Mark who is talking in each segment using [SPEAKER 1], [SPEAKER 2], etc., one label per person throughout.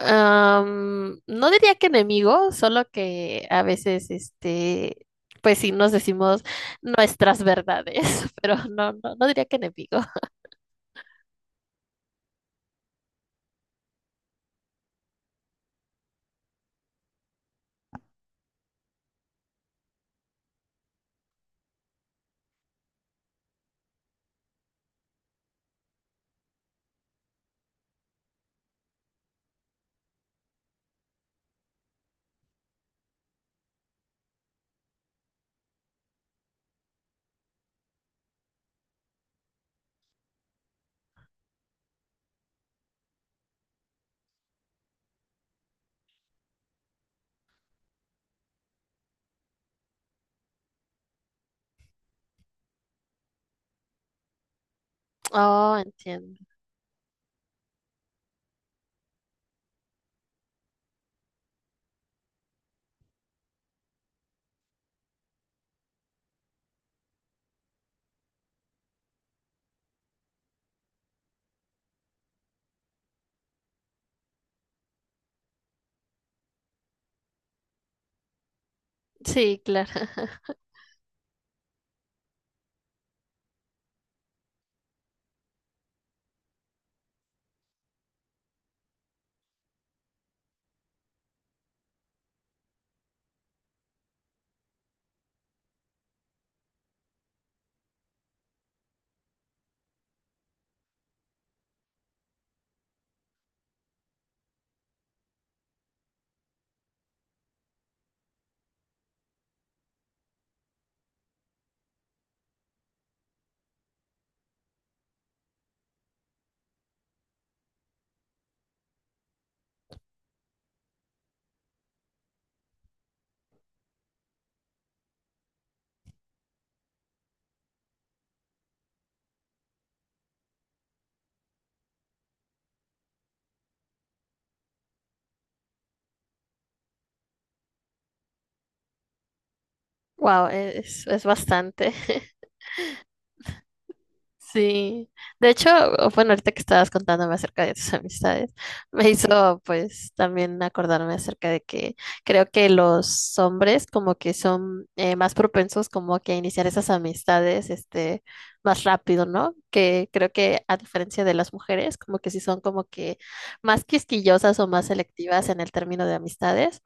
[SPEAKER 1] No diría que enemigo, solo que a veces, pues sí nos decimos nuestras verdades, pero no diría que enemigo. Oh, entiendo. Sí, claro. Wow, es bastante. Sí, de hecho, bueno, ahorita que estabas contándome acerca de tus amistades, me hizo pues también acordarme acerca de que creo que los hombres como que son más propensos como que a iniciar esas amistades más rápido, ¿no? Que creo que a diferencia de las mujeres, como que sí son como que más quisquillosas o más selectivas en el término de amistades.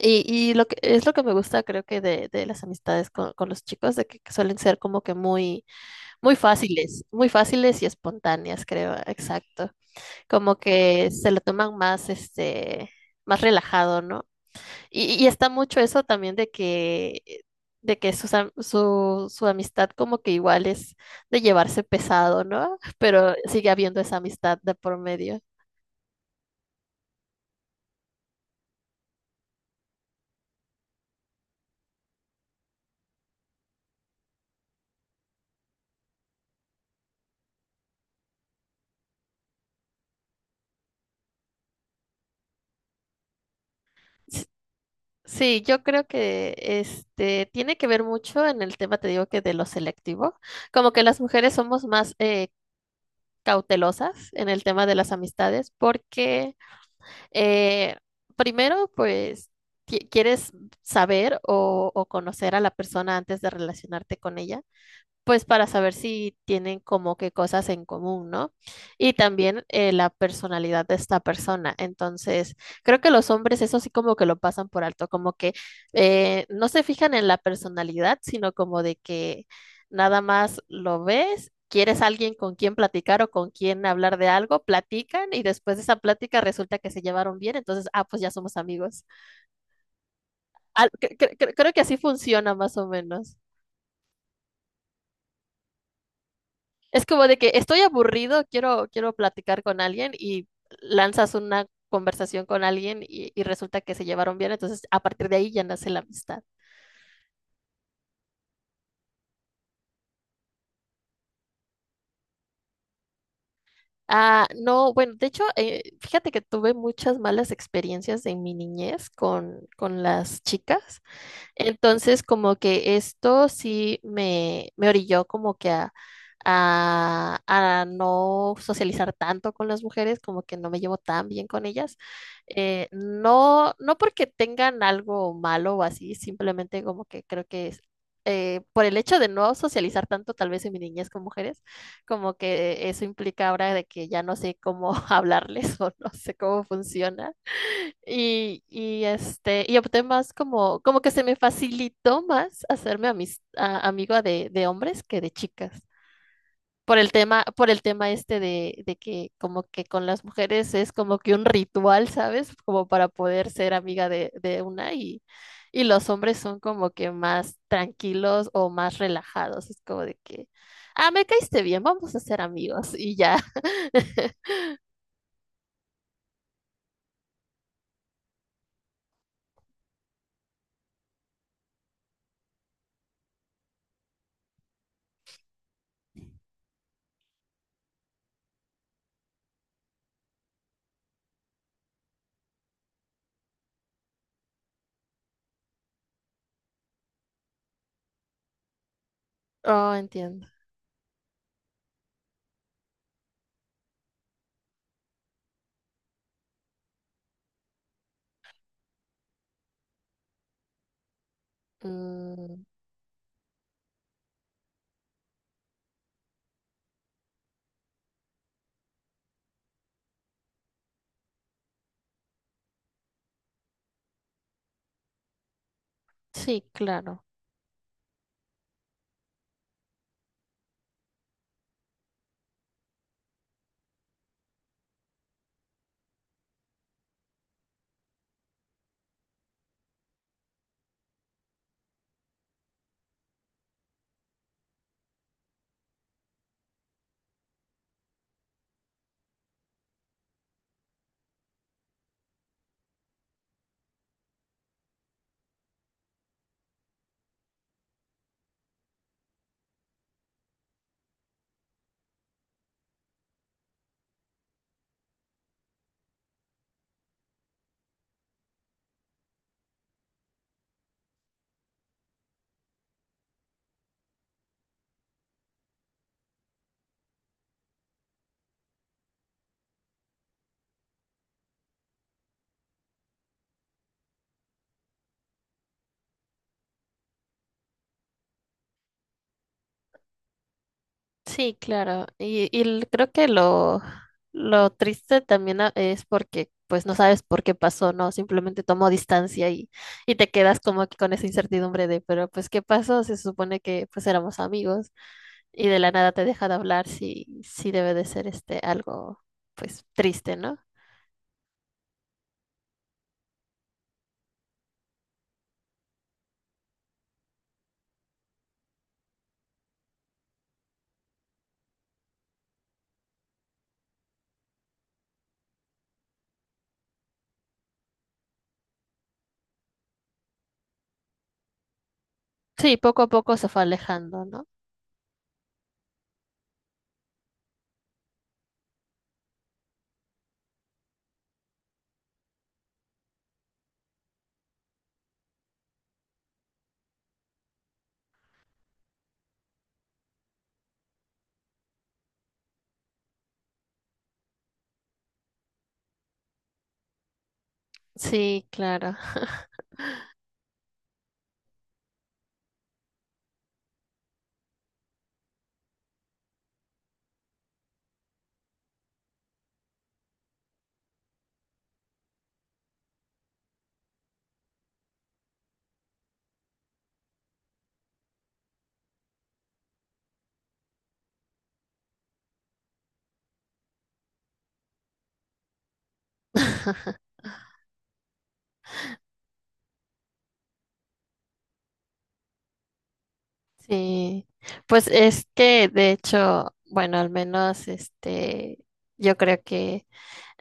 [SPEAKER 1] Y lo que es lo que me gusta creo que de las amistades con los chicos, de que suelen ser como que muy fáciles y espontáneas, creo, exacto. Como que se lo toman más, más relajado, ¿no? Y está mucho eso también de que sus su, su amistad como que igual es de llevarse pesado, ¿no? Pero sigue habiendo esa amistad de por medio. S- Sí, yo creo que este tiene que ver mucho en el tema, te digo que de lo selectivo, como que las mujeres somos más cautelosas en el tema de las amistades porque Eh, primero, pues, ¿quieres saber o conocer a la persona antes de relacionarte con ella? Pues para saber si tienen como que cosas en común, ¿no? Y también la personalidad de esta persona. Entonces, creo que los hombres eso sí como que lo pasan por alto, como que no se fijan en la personalidad, sino como de que nada más lo ves. Quieres alguien con quien platicar o con quien hablar de algo, platican y después de esa plática resulta que se llevaron bien, entonces, ah, pues ya somos amigos. Creo que así funciona más o menos. Es como de que estoy aburrido, quiero platicar con alguien y lanzas una conversación con alguien y resulta que se llevaron bien, entonces a partir de ahí ya nace la amistad. Ah, no, bueno, de hecho, fíjate que tuve muchas malas experiencias en mi niñez con las chicas. Entonces, como que esto sí me orilló como que a, a no socializar tanto con las mujeres, como que no me llevo tan bien con ellas. No, no porque tengan algo malo o así, simplemente como que creo que es, por el hecho de no socializar tanto, tal vez en mi niñez con mujeres, como que eso implica ahora de que ya no sé cómo hablarles o no sé cómo funciona. Y, y opté más como, como que se me facilitó más hacerme amiga de hombres que de chicas. Por el tema de que como que con las mujeres es como que un ritual, ¿sabes? Como para poder ser amiga de una y los hombres son como que más tranquilos o más relajados. Es como de que, ah, me caíste bien, vamos a ser amigos y ya. Oh, entiendo. Mm, sí, claro. Sí, claro. Y creo que lo triste también es porque pues no sabes por qué pasó, ¿no? Simplemente tomó distancia y te quedas como que con esa incertidumbre de, pero pues ¿qué pasó? Se supone que pues éramos amigos y de la nada te deja de hablar, sí, sí debe de ser algo pues triste, ¿no? Sí, poco a poco se fue alejando, ¿no? Sí, claro. Sí, pues es que de hecho, bueno, al menos yo creo que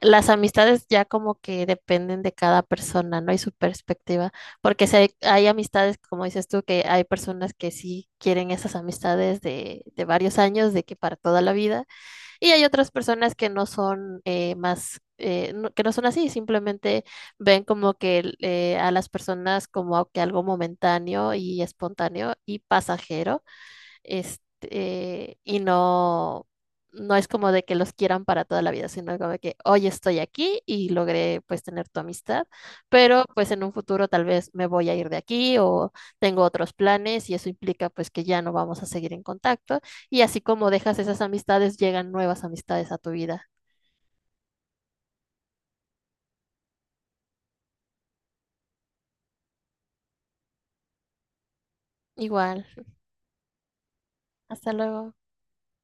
[SPEAKER 1] las amistades ya como que dependen de cada persona, ¿no? Y su perspectiva, porque si hay, hay amistades, como dices tú, que hay personas que sí quieren esas amistades de varios años, de que para toda la vida, y hay otras personas que no son no- que no son así, simplemente ven como que a las personas como que algo momentáneo y espontáneo y pasajero y no, no es como de que los quieran para toda la vida, sino como de que hoy estoy aquí y logré pues tener tu amistad, pero pues en un futuro tal vez me voy a ir de aquí o tengo otros planes y eso implica pues que ya no vamos a seguir en contacto y así como dejas esas amistades, llegan nuevas amistades a tu vida. Igual, hasta luego.